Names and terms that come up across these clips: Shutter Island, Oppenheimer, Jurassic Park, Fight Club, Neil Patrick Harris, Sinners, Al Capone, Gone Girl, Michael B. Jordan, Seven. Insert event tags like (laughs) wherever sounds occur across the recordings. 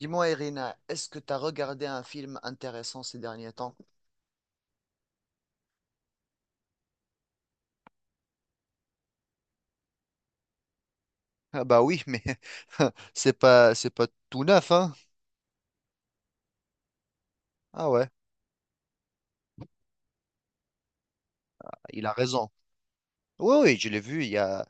Dis-moi, Irina, est-ce que tu as regardé un film intéressant ces derniers temps? Ah bah oui, mais (laughs) c'est pas tout neuf, hein? Ah ouais, il a raison. Oui, oui, je l'ai vu il y a,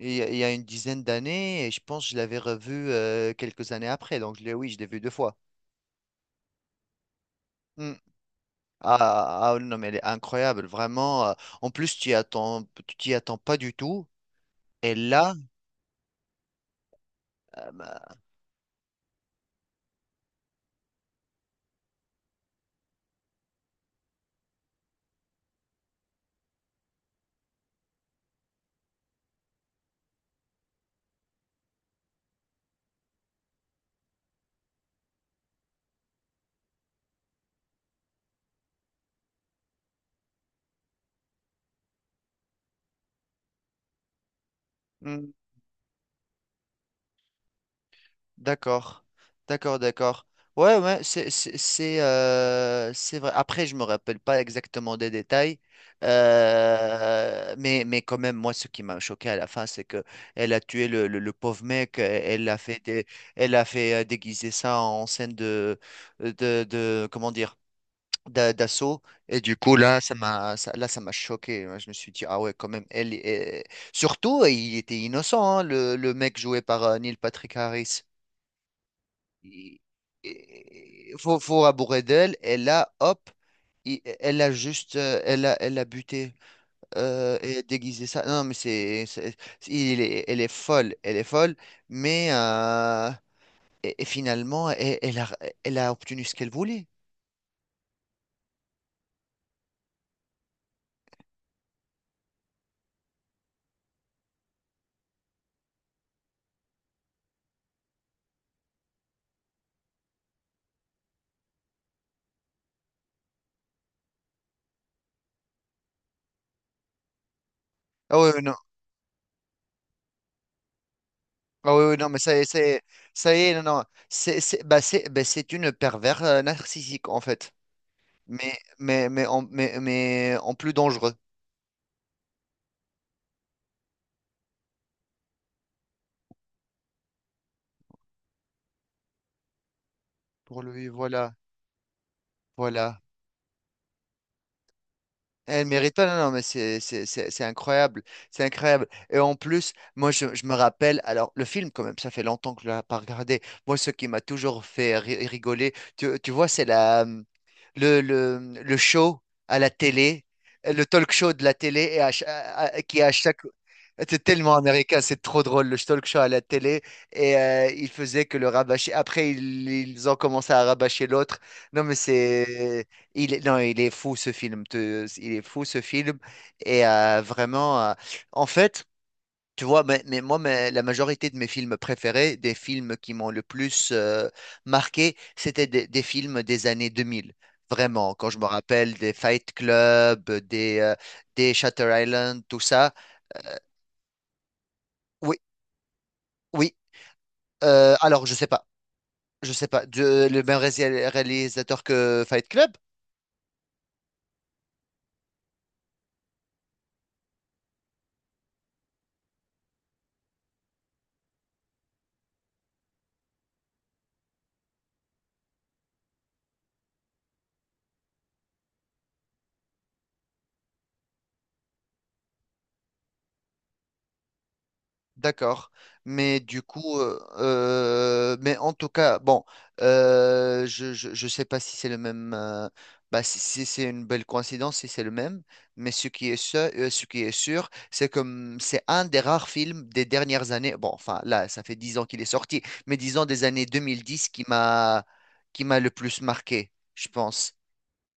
il y a, il y a une dizaine d'années et je pense que je l'avais revu quelques années après. Donc oui, je l'ai vu deux fois. Hmm. Ah, ah, non, mais elle est incroyable, vraiment. En plus, tu t'y attends pas du tout. Et là. euh, bah, D'accord, d'accord, d'accord. Ouais, ouais, c'est vrai. Après, je me rappelle pas exactement des détails, mais quand même, moi, ce qui m'a choqué à la fin, c'est que elle a tué le pauvre mec. Elle a fait déguiser ça en scène de, comment dire, d'assaut. Et du coup, là, ça m'a choqué. Je me suis dit, ah ouais, quand même. Surtout, il était innocent, hein, le mec joué par Neil Patrick Harris. Il il faut, faut rabourer d'elle, et là, hop, elle a juste, elle a buté et a déguisé ça. Non, mais elle est folle, mais euh, et finalement, elle a obtenu ce qu'elle voulait. Ah oui, non. Ah oui, oui, non, mais ça y est, non, non, c'est une pervers narcissique en fait, mais en plus dangereux pour lui, voilà, voilà. Elle mérite pas, non, non, mais c'est incroyable, c'est incroyable. Et en plus, moi, je me rappelle, alors, le film, quand même, ça fait longtemps que je l'ai pas regardé. Moi, ce qui m'a toujours fait rigoler, tu vois, c'est la, mmh, le, mmh, le show à la télé, le talk show de la télé, et à ch- à- qui à chaque. C'est tellement américain, c'est trop drôle, le talk show à la télé, et il faisait que le rabâcher. Après, ils ont commencé à rabâcher l'autre. Non, mais c'est. Non, il est fou ce film. Il est fou ce film. Et vraiment, en fait, tu vois, mais moi, mais la majorité de mes films préférés, des films qui m'ont le plus marqué, c'était des films des années 2000. Vraiment, quand je me rappelle des Fight Club, des Shutter Island, tout ça. Oui, oui. Alors, je sais pas. Je sais pas. Le même réalisateur que Fight Club? D'accord. Mais du coup, mais en tout cas, bon, je sais pas si c'est le même, bah, si c'est une belle coïncidence, si c'est le même, mais ce qui est sûr, c'est comme c'est un des rares films des dernières années, bon, enfin là, ça fait 10 ans qu'il est sorti, mais disons des années 2010 qui m'a le plus marqué, je pense.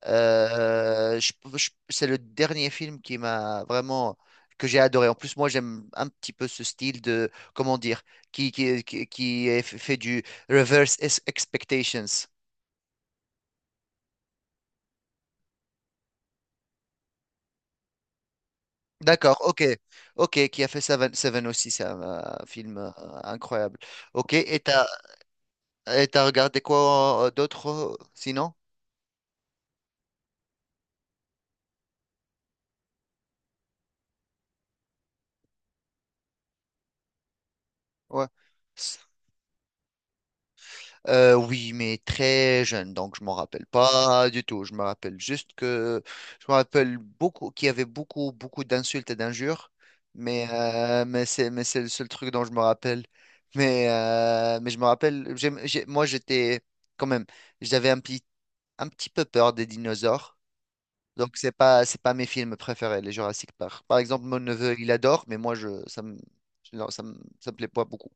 C'est le dernier film qui m'a vraiment que j'ai adoré. En plus, moi, j'aime un petit peu ce style de, comment dire, qui est fait du reverse expectations. D'accord, ok, ok, qui a fait Seven, Seven aussi, c'est un, film incroyable. Ok, et t'as regardé quoi d'autre sinon? Ouais. Oui, mais très jeune, donc je m'en rappelle pas du tout. Je me rappelle beaucoup qu'il y avait beaucoup, beaucoup d'insultes et d'injures, mais c'est le seul truc dont je me rappelle. Mais je me rappelle, moi j'étais quand même, j'avais un petit peu peur des dinosaures, donc c'est pas mes films préférés, les Jurassic Park. Par exemple, mon neveu il adore, mais moi je ça me non, ça me plaît pas beaucoup.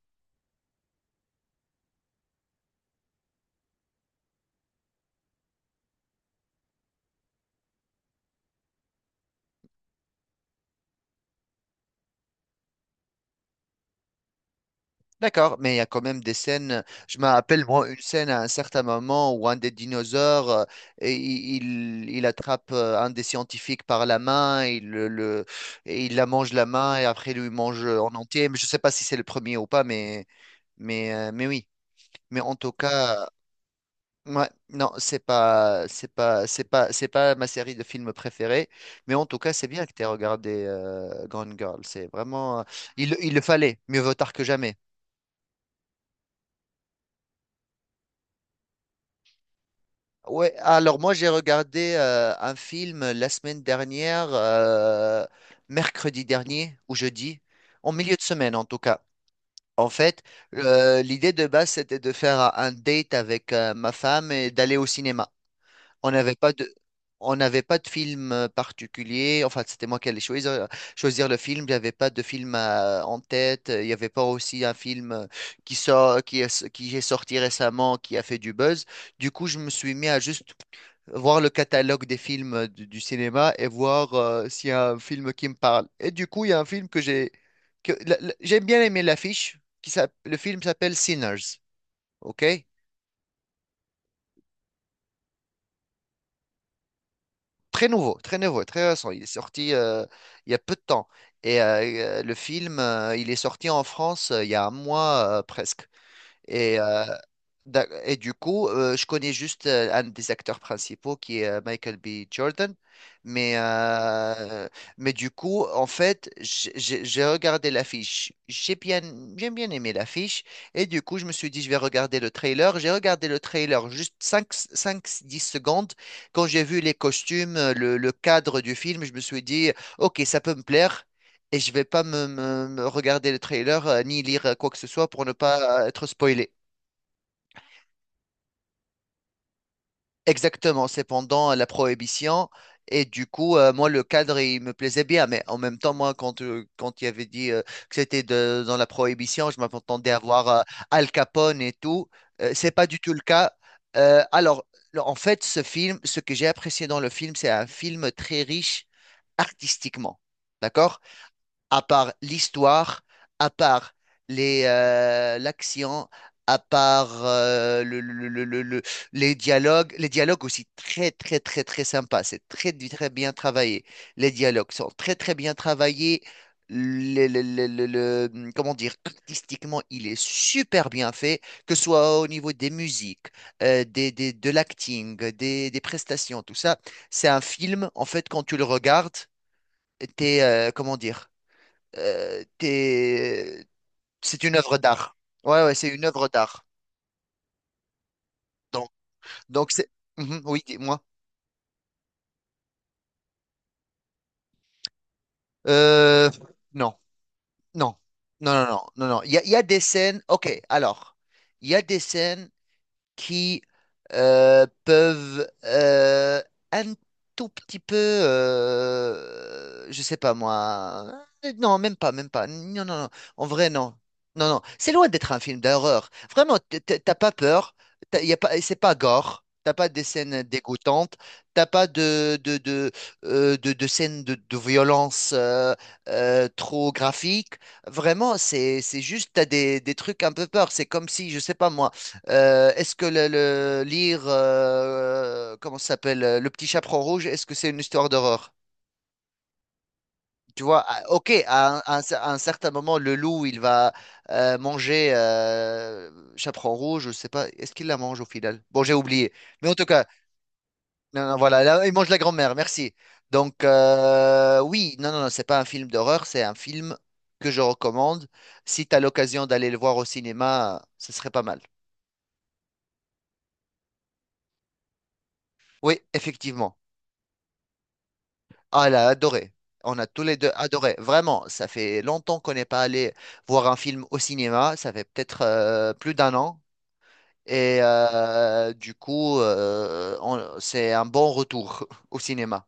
D'accord, mais il y a quand même des scènes. Je me rappelle, moi, une scène à un certain moment où un des dinosaures, et il attrape un des scientifiques par la main, et il la mange la main et après il lui mange en entier. Mais je ne sais pas si c'est le premier ou pas, mais oui. Mais en tout cas, ouais, non, c'est pas ma série de films préférée. Mais en tout cas, c'est bien que tu aies regardé Gone Girl. C'est vraiment, il le fallait. Mieux vaut tard que jamais. Ouais, alors moi j'ai regardé un film la semaine dernière, mercredi dernier ou jeudi, en milieu de semaine en tout cas. En fait, l'idée de base c'était de faire un date avec ma femme et d'aller au cinéma. On n'avait pas de, on n'avait pas de film particulier. Enfin, c'était moi qui allais choisir, le film. J'avais pas de film en tête. Il n'y avait pas aussi un film qui est sorti récemment, qui a fait du buzz. Du coup, je me suis mis à juste voir le catalogue des films du cinéma et voir s'il y a un film qui me parle. Et du coup, il y a un film que j'ai que la- la- j'ai bien aimé l'affiche, le film s'appelle Sinners, ok? Très nouveau, très nouveau, très récent. Il est sorti il y a peu de temps. Et le film, il est sorti en France il y a un mois presque. Et euh, Et du coup, je connais juste un des acteurs principaux qui est Michael B. Jordan. Mais, euh, mais du coup, en fait, j'ai regardé l'affiche. J'ai bien aimé l'affiche. Et du coup, je me suis dit, je vais regarder le trailer. J'ai regardé le trailer juste cinq, 10 secondes. Quand j'ai vu les costumes, le cadre du film, je me suis dit, ok, ça peut me plaire. Et je vais pas me regarder le trailer, ni lire quoi que ce soit pour ne pas être spoilé. Exactement, c'est pendant la Prohibition. Et du coup, moi, le cadre, il me plaisait bien. Mais en même temps, moi, quand il avait dit que c'était dans la Prohibition, je m'attendais à voir Al Capone et tout. C'est pas du tout le cas. Alors, en fait, ce film, ce que j'ai apprécié dans le film, c'est un film très riche artistiquement. D'accord? À part l'histoire, à part les l'action, à part les dialogues. Les dialogues aussi très très très très sympa. C'est très très bien travaillé. Les dialogues sont très très bien travaillés. Comment dire, artistiquement, il est super bien fait, que ce soit au niveau des musiques, de l'acting, des prestations, tout ça. C'est un film, en fait, quand tu le regardes, comment dire, euh, t'es- c'est une œuvre d'art. Ouais, ouais, c'est une œuvre d'art. Donc, donc c'est. Mhm, oui, dis-moi. Euh, non, non, non, non, non, non, non. Il y a des scènes. Ok, alors, il y a des scènes qui peuvent un tout petit peu, je sais pas moi, non, même pas, non, non, non, en vrai, non, non, non, c'est loin d'être un film d'horreur. Vraiment, t'as pas peur, y a pas, c'est pas gore. T'as pas des scènes dégoûtantes, t'as pas de scènes de violence trop graphiques. Vraiment, c'est juste t'as des trucs un peu peur. C'est comme si, je sais pas moi. Est-ce que lire, comment ça s'appelle, Le Petit Chaperon Rouge, est-ce que c'est une histoire d'horreur? Tu vois, ah, ok, à un certain moment, le loup, il va manger Chaperon Rouge, je sais pas, est-ce qu'il la mange au final? Bon, j'ai oublié. Mais en tout cas, non, non, voilà, là, il mange la grand-mère, merci. Donc, oui, non, non, non, c'est pas un film d'horreur, c'est un film que je recommande. Si tu as l'occasion d'aller le voir au cinéma, ce serait pas mal. Oui, effectivement. Ah, elle a adoré. On a tous les deux adoré. Vraiment, ça fait longtemps qu'on n'est pas allé voir un film au cinéma. Ça fait peut-être plus d'un an. Et du coup, c'est un bon retour (laughs) au cinéma.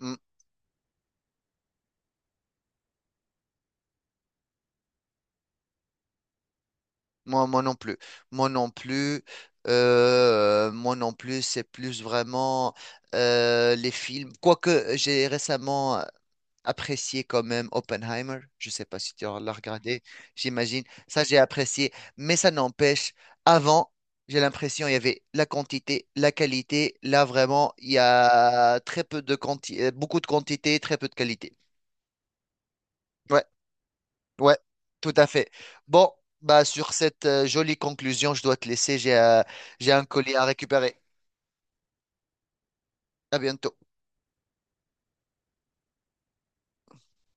Mm. Moi, moi non plus. Moi non plus. Moi non plus, c'est plus vraiment les films. Quoique j'ai récemment apprécié quand même Oppenheimer. Je sais pas si tu l'as regardé, j'imagine. Ça, j'ai apprécié. Mais ça n'empêche, avant, j'ai l'impression il y avait la quantité, la qualité. Là, vraiment, il y a très peu de quantité, beaucoup de quantité, très peu de qualité. Ouais, tout à fait. Bon, bah sur cette jolie conclusion, je dois te laisser. J'ai un colis à récupérer. À bientôt.